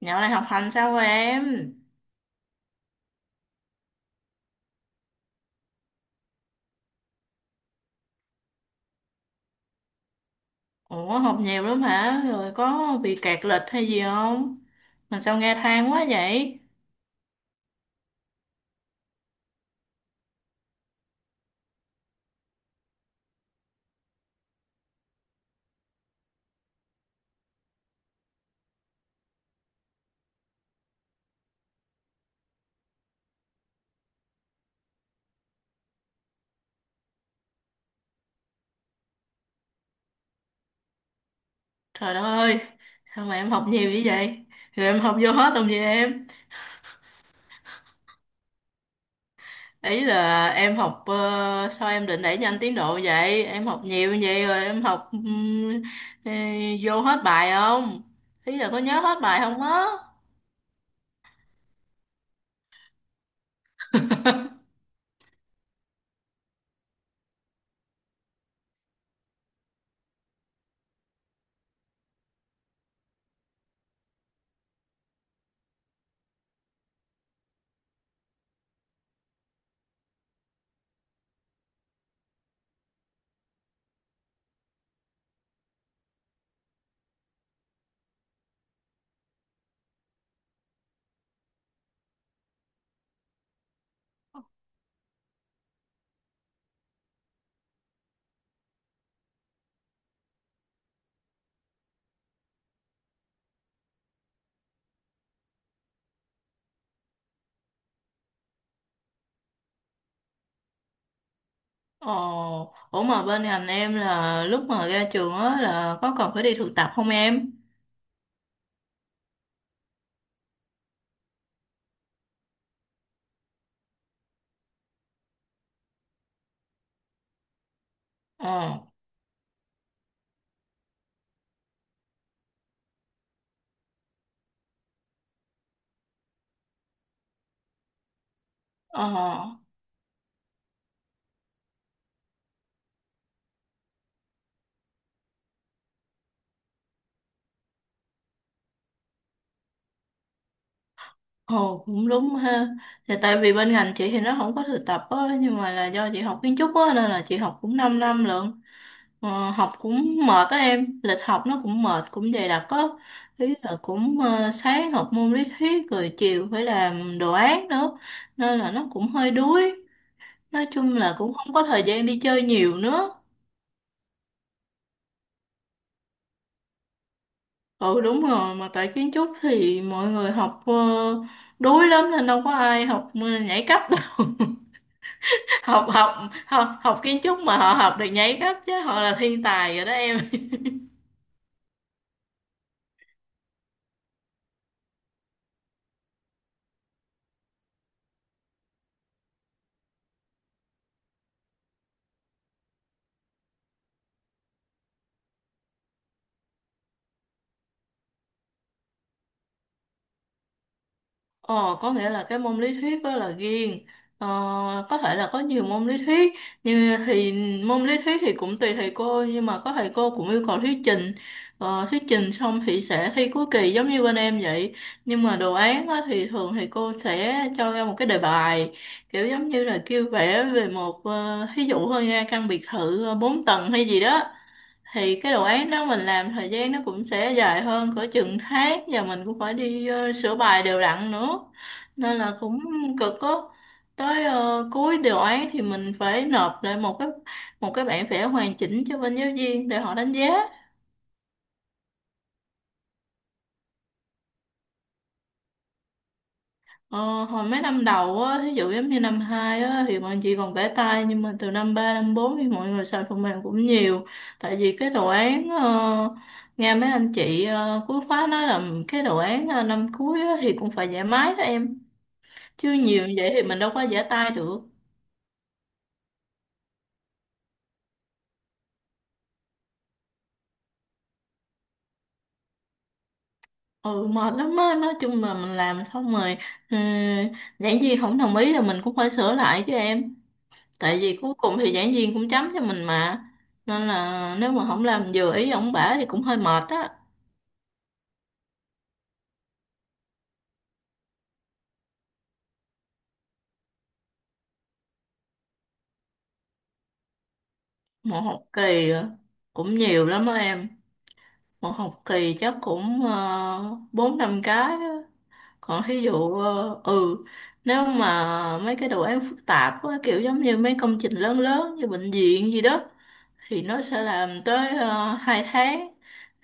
Dạo này học hành sao rồi em? Ủa học nhiều lắm hả? Rồi có bị kẹt lịch hay gì không? Mà sao nghe than quá vậy? Trời đất ơi, sao mà em học nhiều như vậy? Rồi em học vô hết không vậy em? Ý là em học, sao em định đẩy nhanh tiến độ vậy? Em học nhiều như vậy rồi em học ừ, vô hết bài không? Ý là có nhớ hết bài không á? Ồ, ủa mà bên ngành em là lúc mà ra trường á là có còn phải đi thực tập không em? Ờ. Ờ, ồ cũng đúng ha. Thì tại vì bên ngành chị thì nó không có thực tập á, nhưng mà là do chị học kiến trúc á, nên là chị học cũng 5 năm lận. Ờ, học cũng mệt á em, lịch học nó cũng mệt, cũng dày đặc á. Ý là cũng sáng học môn lý thuyết rồi chiều phải làm đồ án nữa. Nên là nó cũng hơi đuối. Nói chung là cũng không có thời gian đi chơi nhiều nữa. Ừ đúng rồi, mà tại kiến trúc thì mọi người học đuối lắm nên đâu có ai học nhảy cấp đâu. học học học học kiến trúc mà họ học được nhảy cấp chứ họ là thiên tài rồi đó em Ồ, có nghĩa là cái môn lý thuyết đó là riêng. Ờ, có thể là có nhiều môn lý thuyết thì môn lý thuyết thì cũng tùy thầy cô nhưng mà có thầy cô cũng yêu cầu thuyết trình, thuyết trình xong thì sẽ thi cuối kỳ giống như bên em vậy. Nhưng mà đồ án á, thì thường thầy cô sẽ cho ra một cái đề bài kiểu giống như là kêu vẽ về một thí dụ thôi nha căn biệt thự bốn tầng hay gì đó. Thì cái đồ án đó mình làm thời gian nó cũng sẽ dài hơn cỡ chừng tháng và mình cũng phải đi sửa bài đều đặn nữa, nên là cũng cực á. Tới cuối đồ án thì mình phải nộp lại một cái bản vẽ hoàn chỉnh cho bên giáo viên để họ đánh giá. Ờ, hồi mấy năm đầu á, ví dụ giống như năm 2 á, thì mọi người chỉ còn vẽ tay nhưng mà từ năm 3 năm 4 thì mọi người xài phần mềm cũng nhiều, tại vì cái đồ án nghe mấy anh chị cuối khóa nói là cái đồ án năm cuối á, thì cũng phải vẽ máy đó em, chứ nhiều như vậy thì mình đâu có vẽ tay được. Ừ mệt lắm á, nói chung là mình làm xong rồi, ừ, giảng viên không đồng ý là mình cũng phải sửa lại chứ em, tại vì cuối cùng thì giảng viên cũng chấm cho mình mà, nên là nếu mà không làm vừa ý ổng bả thì cũng hơi mệt á. Một học kỳ cũng nhiều lắm đó em, một học kỳ chắc cũng bốn năm cái á. Còn thí dụ nếu mà mấy cái đồ án phức tạp á, kiểu giống như mấy công trình lớn lớn như bệnh viện gì đó thì nó sẽ làm tới 2 tháng,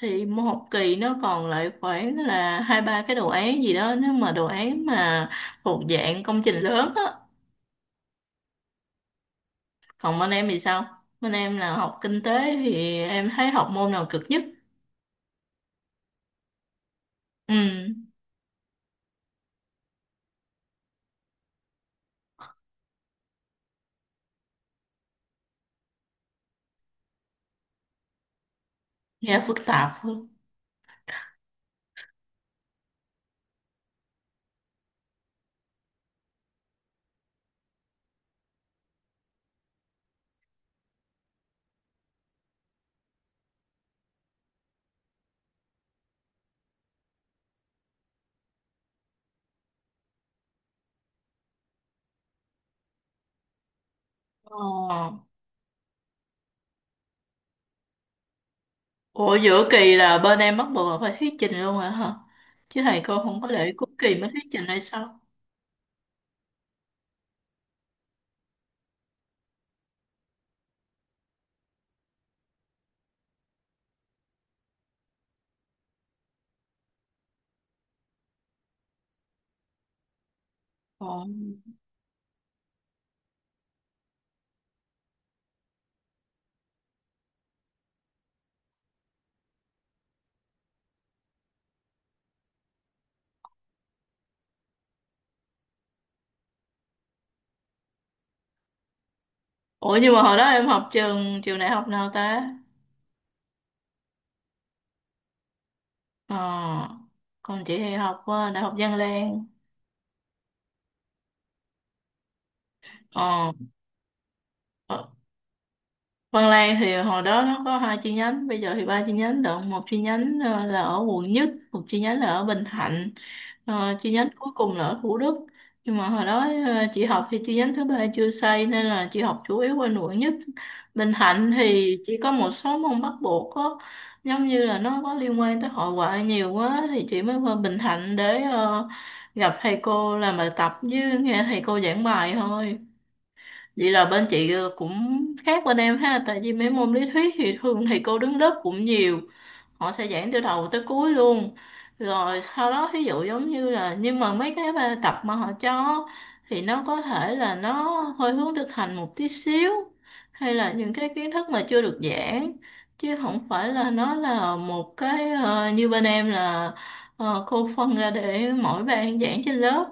thì một học kỳ nó còn lại khoảng là hai ba cái đồ án gì đó nếu mà đồ án mà thuộc dạng công trình lớn á. Còn bên em thì sao? Bên em là học kinh tế thì em thấy học môn nào cực nhất? Ừ, nghe phức tạp hơn. Ờ. Ủa giữa kỳ là bên em bắt buộc là phải thuyết trình luôn hả hả? Chứ thầy cô không có để cuối kỳ mới thuyết trình hay sao? Ờ. Ủa nhưng mà hồi đó em học trường trường đại học nào ta? Ờ, còn chị thì học Đại học Văn Lang. Ờ, ờ, Văn Lang thì hồi đó nó có hai chi nhánh, bây giờ thì ba chi nhánh được. Một chi nhánh là ở quận nhất, một chi nhánh là ở Bình Thạnh. Ờ, chi nhánh cuối cùng là ở Thủ Đức, nhưng mà hồi đó chị học thì chi nhánh thứ ba chưa xây nên là chị học chủ yếu ở quận nhất. Bình Thạnh thì chỉ có một số môn bắt buộc có giống như là nó có liên quan tới hội họa nhiều quá thì chị mới qua Bình Thạnh để gặp thầy cô làm bài tập với nghe thầy cô giảng bài thôi. Vậy là bên chị cũng khác bên em ha, tại vì mấy môn lý thuyết thì thường thầy cô đứng lớp cũng nhiều, họ sẽ giảng từ đầu tới cuối luôn, rồi sau đó ví dụ giống như là nhưng mà mấy cái bài tập mà họ cho thì nó có thể là nó hơi hướng thực hành một tí xíu, hay là những cái kiến thức mà chưa được giảng, chứ không phải là nó là một cái như bên em là cô phân ra để mỗi bạn giảng trên lớp.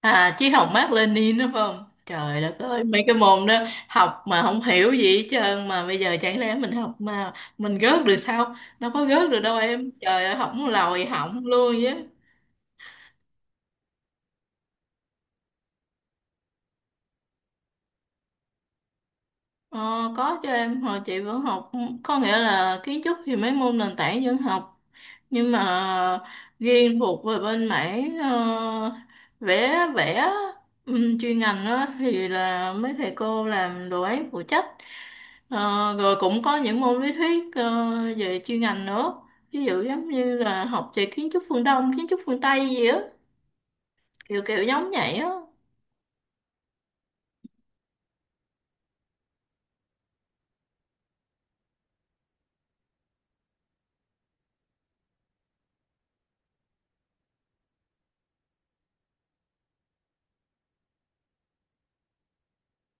À, chứ học Mác Lênin đúng không? Trời đất ơi, mấy cái môn đó học mà không hiểu gì hết trơn mà bây giờ chẳng lẽ mình học mà mình gớt được sao? Đâu có gớt được đâu em. Trời ơi, học lòi hỏng luôn chứ. Ờ, có cho em hồi chị vẫn học, có nghĩa là kiến trúc thì mấy môn nền tảng vẫn học, nhưng mà riêng thuộc về bên mảng vẽ vẽ chuyên ngành đó thì là mấy thầy cô làm đồ án phụ trách. Ờ, rồi cũng có những môn lý thuyết về chuyên ngành nữa, ví dụ giống như là học về kiến trúc phương Đông kiến trúc phương Tây gì á, kiểu kiểu giống vậy á.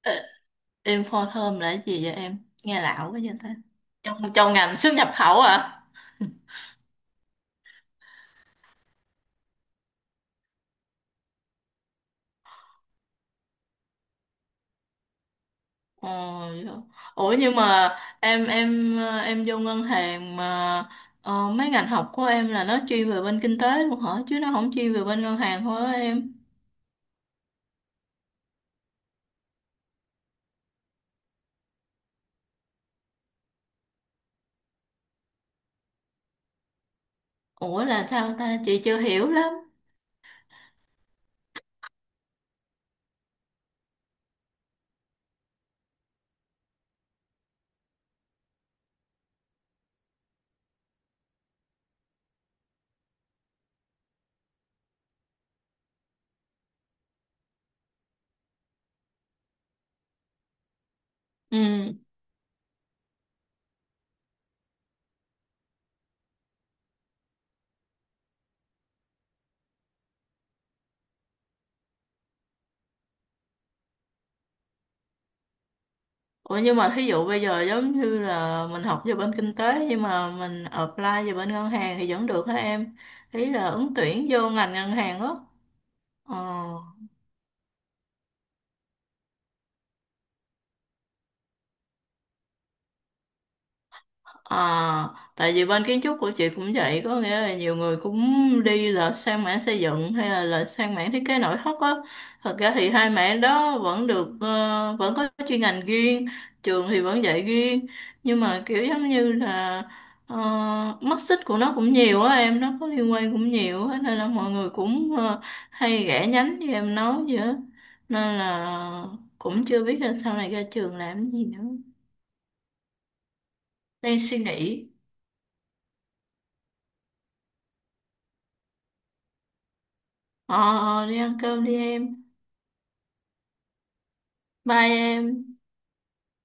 Ờ, Inform thơm là cái gì vậy em? Nghe lão quá vậy ta, trong trong ngành xuất nhập khẩu à? Ồ, vậy hả? Ủa nhưng mà em vô ngân hàng mà, mấy ngành học của em là nó chuyên về bên kinh tế luôn hả? Chứ nó không chuyên về bên ngân hàng thôi á em. Ủa là sao ta? Chị chưa hiểu lắm. Ừ. Ủa nhưng mà thí dụ bây giờ giống như là mình học về bên kinh tế nhưng mà mình apply về bên ngân hàng thì vẫn được hả em? Ý là ứng tuyển vô ngành ngân hàng á. Ờ. À, tại vì bên kiến trúc của chị cũng vậy, có nghĩa là nhiều người cũng đi là sang mảng xây dựng hay là sang mảng thiết kế nội thất á. Thật ra thì hai mảng đó vẫn được, vẫn có chuyên ngành riêng, trường thì vẫn dạy riêng, nhưng mà kiểu giống như là mắt xích của nó cũng nhiều á em, nó có liên quan cũng nhiều á, nên là mọi người cũng hay rẽ nhánh như em nói vậy á. Nên là cũng chưa biết là sau này ra trường làm gì nữa. Đang suy nghĩ. Ờ, ờ, đi ăn cơm đi em. Bye em.